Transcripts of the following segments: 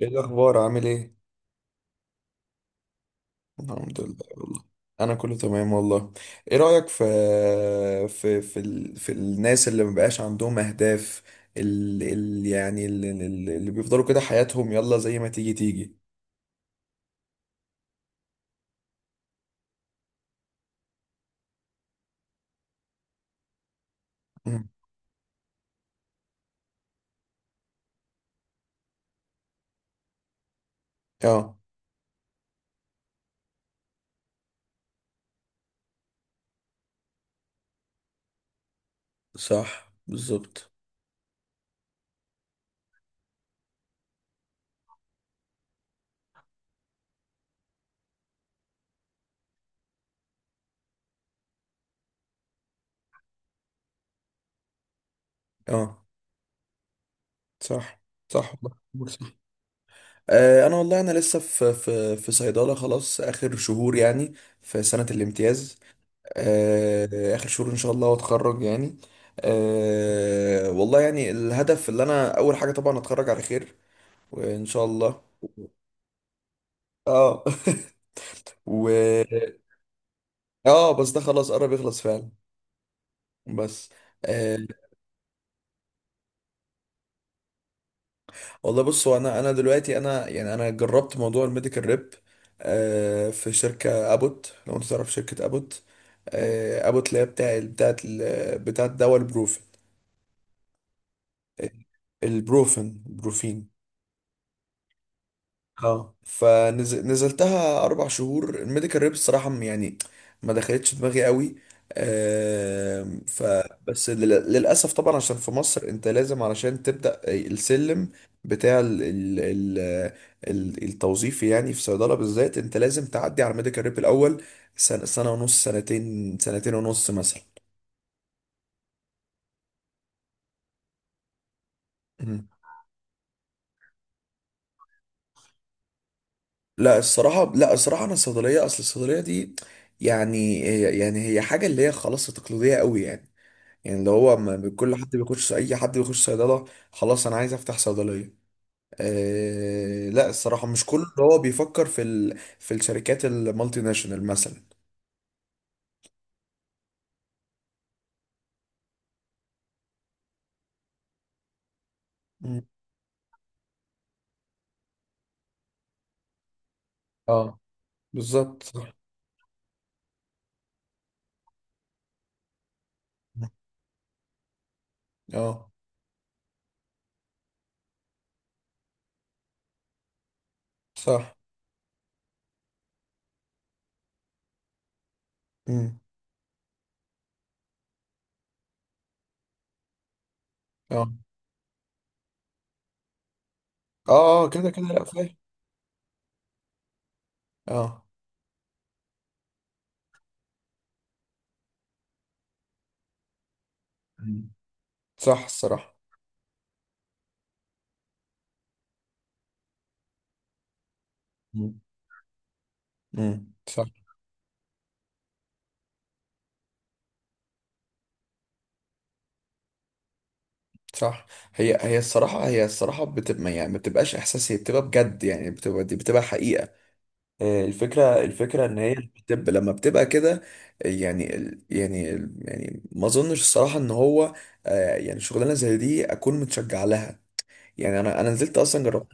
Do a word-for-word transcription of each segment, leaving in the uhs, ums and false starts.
ايه الاخبار؟ عامل ايه؟ الحمد لله والله. انا كله تمام والله. ايه رايك في في في ال... في الناس اللي مبقاش عندهم اهداف، اللي ال... ال- يعني اللي, اللي بيفضلوا كده حياتهم يلا زي ما تيجي تيجي؟ مم. اه، صح بالظبط. اه، صح. صح والله، عندك صح. آه، انا والله انا لسه في في في صيدله، خلاص اخر شهور يعني. في سنه الامتياز. آه، اخر شهور ان شاء الله واتخرج يعني. أه والله يعني الهدف اللي انا اول حاجه طبعا اتخرج على خير، وان شاء الله. اه. و اه بس ده خلاص قرب يخلص فعلا. بس. آه. والله بص، هو انا انا دلوقتي انا يعني انا جربت موضوع الميديكال ريب. آه في شركه ابوت، لو انت تعرف شركه ابوت. آه ابوت اللي هي بتاع بتاعت ال- بتاعت دواء البروفين. آه، البروفين بروفين. اه، فنزلتها اربع شهور الميديكال ريب، الصراحه م- يعني ما دخلتش دماغي قوي. آم، ف بس لل- للاسف طبعا، عشان في مصر انت لازم، علشان تبدا السلم بتاع ال ال ال ال- التوظيفي يعني، في صيدله بالذات انت لازم تعدي على الميديكال ريب الاول، سنه، سنه ونص، سنتين، سنتين ونص مثلا. مم. لا الصراحة، لا الصراحة أنا الصيدلية، أصل الصيدلية دي، يعني، يعني هي حاجة اللي هي خلاص تقليدية قوي يعني، يعني اللي هو ما- كل حد بيخش، اي حد بيخش صيدله. خلاص انا عايز افتح صيدليه. آه لا الصراحه، مش كله اللي هو بيفكر في ال... في الشركات المالتي ناشونال مثلا. مم. اه، بالظبط صح. مم. اه، صح. مم. اه اه. آه، كده كده لا فاهم. اه. مم. صح الصراحه. مم. مم. صح. صح، هي هي الصراحه، هي الصراحه بتبقى يعني، ما بتبقاش احساس، هي بتبقى بجد يعني، بتبقى دي بتبقى حقيقه. آه، الفكرة الفكرة ان هي بتبقى لما بتبقى كده. آه، يعني ال- يعني ال- يعني ما اظنش الصراحة ان هو، آه، يعني شغلانة زي دي اكون متشجع لها. يعني انا انا نزلت اصلا جربت.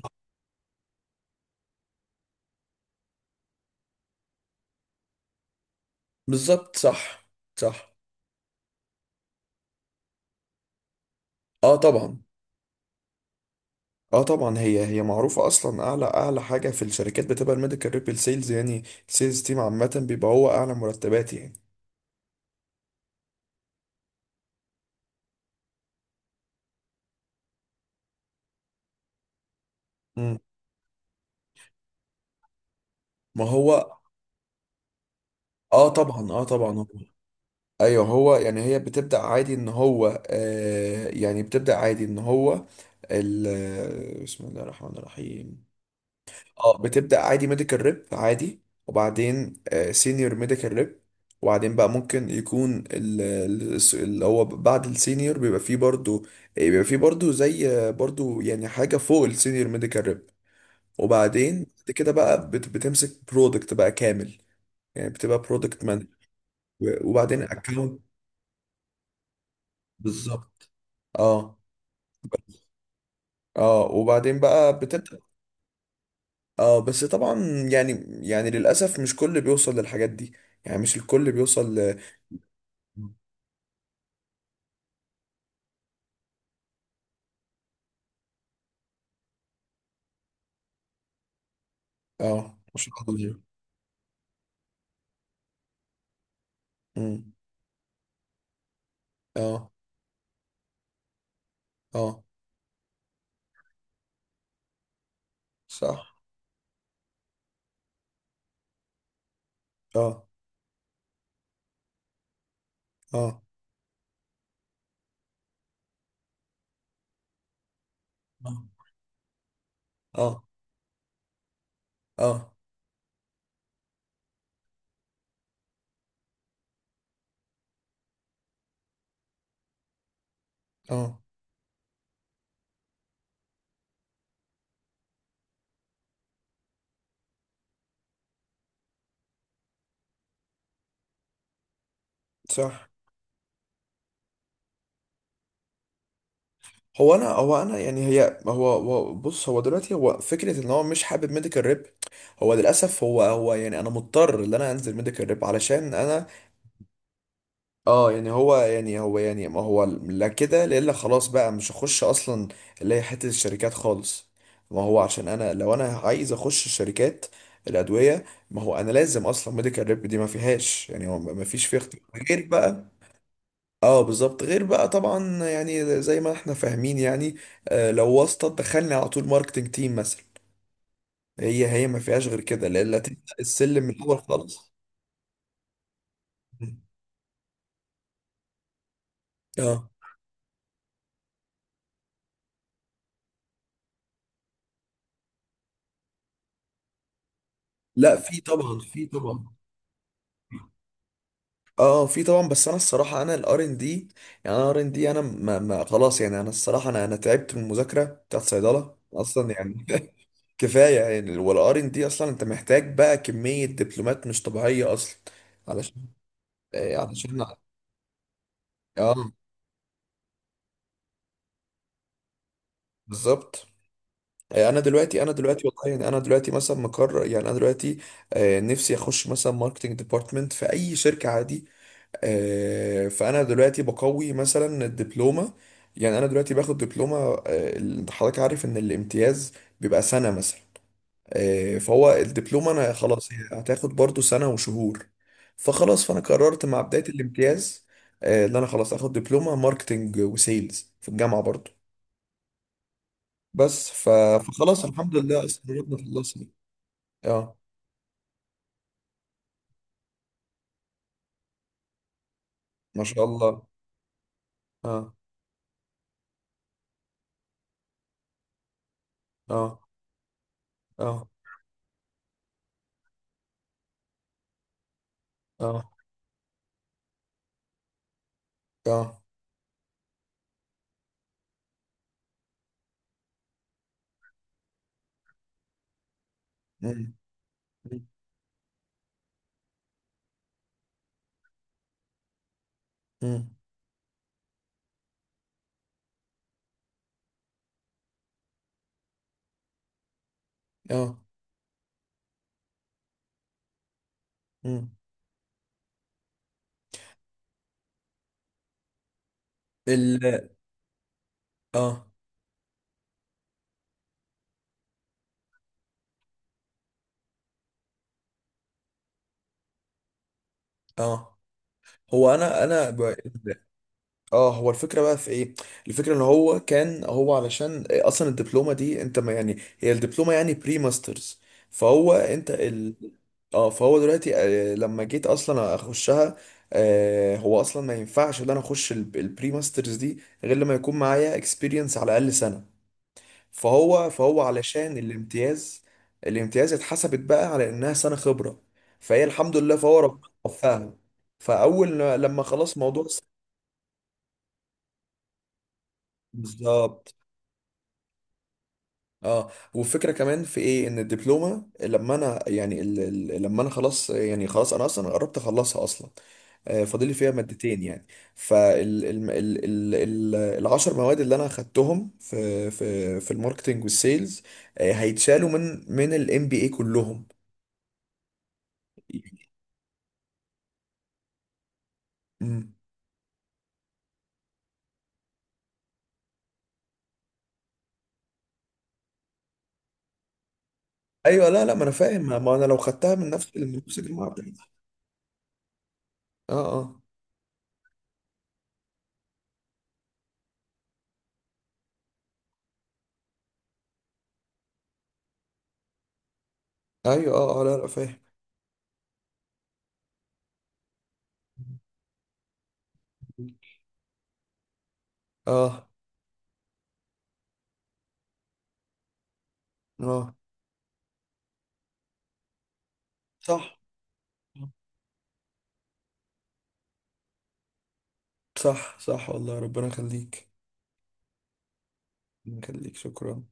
بالظبط صح. صح. اه طبعا. اه طبعا، هي هي معروفة اصلا، اعلى اعلى حاجة في الشركات بتبقى الميديكال ريبيل سيلز يعني. السيلز تيم عامة بيبقى هو اعلى مرتبات يعني. مم. ما هو. اه طبعا، اه طبعا. ايوه، هو يعني هي بتبدأ عادي ان هو، آه يعني بتبدأ عادي ان هو، ال آه، بسم الله الرحمن الرحيم. اه، بتبدأ عادي ميديكال ريب عادي، وبعدين سينيور ميديكال ريب. وبعدين بقى، ممكن يكون ال- ال- الس- اللي هو بعد السينيور بيبقى فيه برضو، بيبقى فيه برضو زي آه، برضو يعني حاجة فوق السينيور ميديكال ريب. وبعدين بعد كده بقى بت- بتمسك برودكت بقى كامل. يعني بتبقى برودكت مانجر. وبعدين اكونت. بالظبط. اه. اه وبعدين بقى بتبدأ. اه بس طبعا. يعني، يعني للأسف مش كل بيوصل للحاجات دي، يعني مش الكل بيوصل ل... اه، مش الكل بيوصل. امم اه اه، صح. اه اه اه اه اه اه، صح. هو انا هو انا يعني هي هو هو- بص، هو دلوقتي هو فكره ان هو مش حابب ميديكال ريب. هو للاسف، هو هو يعني انا مضطر ان انا انزل ميديكال ريب علشان انا، اه يعني هو، يعني هو يعني، ما هو لا كده، لا الا خلاص بقى مش هخش اصلا اللي هي حته الشركات خالص. ما هو عشان انا، لو انا عايز اخش شركات الادويه، ما هو انا لازم اصلا ميديكال ريب دي ما فيهاش يعني، هو ما فيش فيه اختيار غير بقى. اه بالظبط، غير بقى طبعا، يعني زي ما احنا فاهمين يعني. آه لو واسطه دخلني على طول ماركتنج تيم مثلا. هي هي ما فيهاش غير كده، لا الا تبدا السلم من الاول خالص. اه، لا في طبعا، في طبعا. اه في طبعا، بس انا الصراحه، انا الار ان دي يعني، انا ار ان دي انا ما ما خلاص يعني، انا الصراحه انا انا تعبت من المذاكره بتاعت صيدله اصلا يعني. كفايه يعني، والار ان دي اصلا انت محتاج بقى كميه دبلومات مش طبيعيه اصلا، علشان، آه، علشان اه بالظبط. آه، انا دلوقتي انا دلوقتي والله يعني انا دلوقتي مثلا مقرر يعني انا دلوقتي، آه، نفسي اخش مثلا ماركتنج ديبارتمنت في اي شركه عادي. آه، فانا دلوقتي بقوي مثلا الدبلومه. يعني انا دلوقتي باخد دبلومه، آه، ال- حضرتك عارف ان الامتياز بيبقى سنه مثلا. آه، فهو الدبلومه، انا خلاص هي هتاخد برضو سنه وشهور. فخلاص، فانا قررت مع بدايه الامتياز، آه، ان انا خلاص اخد دبلومه ماركتنج وسيلز في الجامعه برضو. بس ف- فخلاص الحمد لله استمرنا في القصه دي. اه، ما شاء الله. اه اه اه اه اه. مم، مم، مم. اه. مم. ال اه اه، هو انا انا ب... اه، هو الفكره بقى في ايه. الفكره ان هو كان هو، علشان اصلا الدبلومه دي انت ما يعني، هي الدبلومه يعني بري ماسترز. فهو انت ال... اه فهو دلوقتي، آه، لما جيت اصلا اخشها، آه هو اصلا ما ينفعش ان انا اخش الب- البري ماسترز دي غير لما يكون معايا اكسبيرينس على الاقل سنه. فهو فهو علشان الامتياز، الامتياز اتحسبت بقى على انها سنة خبرة. فهي الحمد لله، فهو ربنا وفقها. فاول لما خلاص موضوع الس- بالظبط. اه، والفكره كمان في ايه، ان الدبلومه لما انا يعني ال... ال- لما انا خلاص يعني، خلاص انا اصلا قربت اخلصها اصلا، آه، فاضل لي فيها مادتين يعني. فال ال... ال... ال... ال... العشر مواد اللي انا اخدتهم في في في الماركتنج والسيلز، آه، هيتشالوا من من الام بي اي كلهم يعني. مم. ايوه، لا لا، ما انا فاهم، ما ما انا لو خدتها من نفس الموسيقى ما بتاعتها. اه اه. ايوه، اه اه، لا لا فاهم. اه اه. صح، صح، صح والله، ربنا يخليك. ربنا يخليك، شكرا.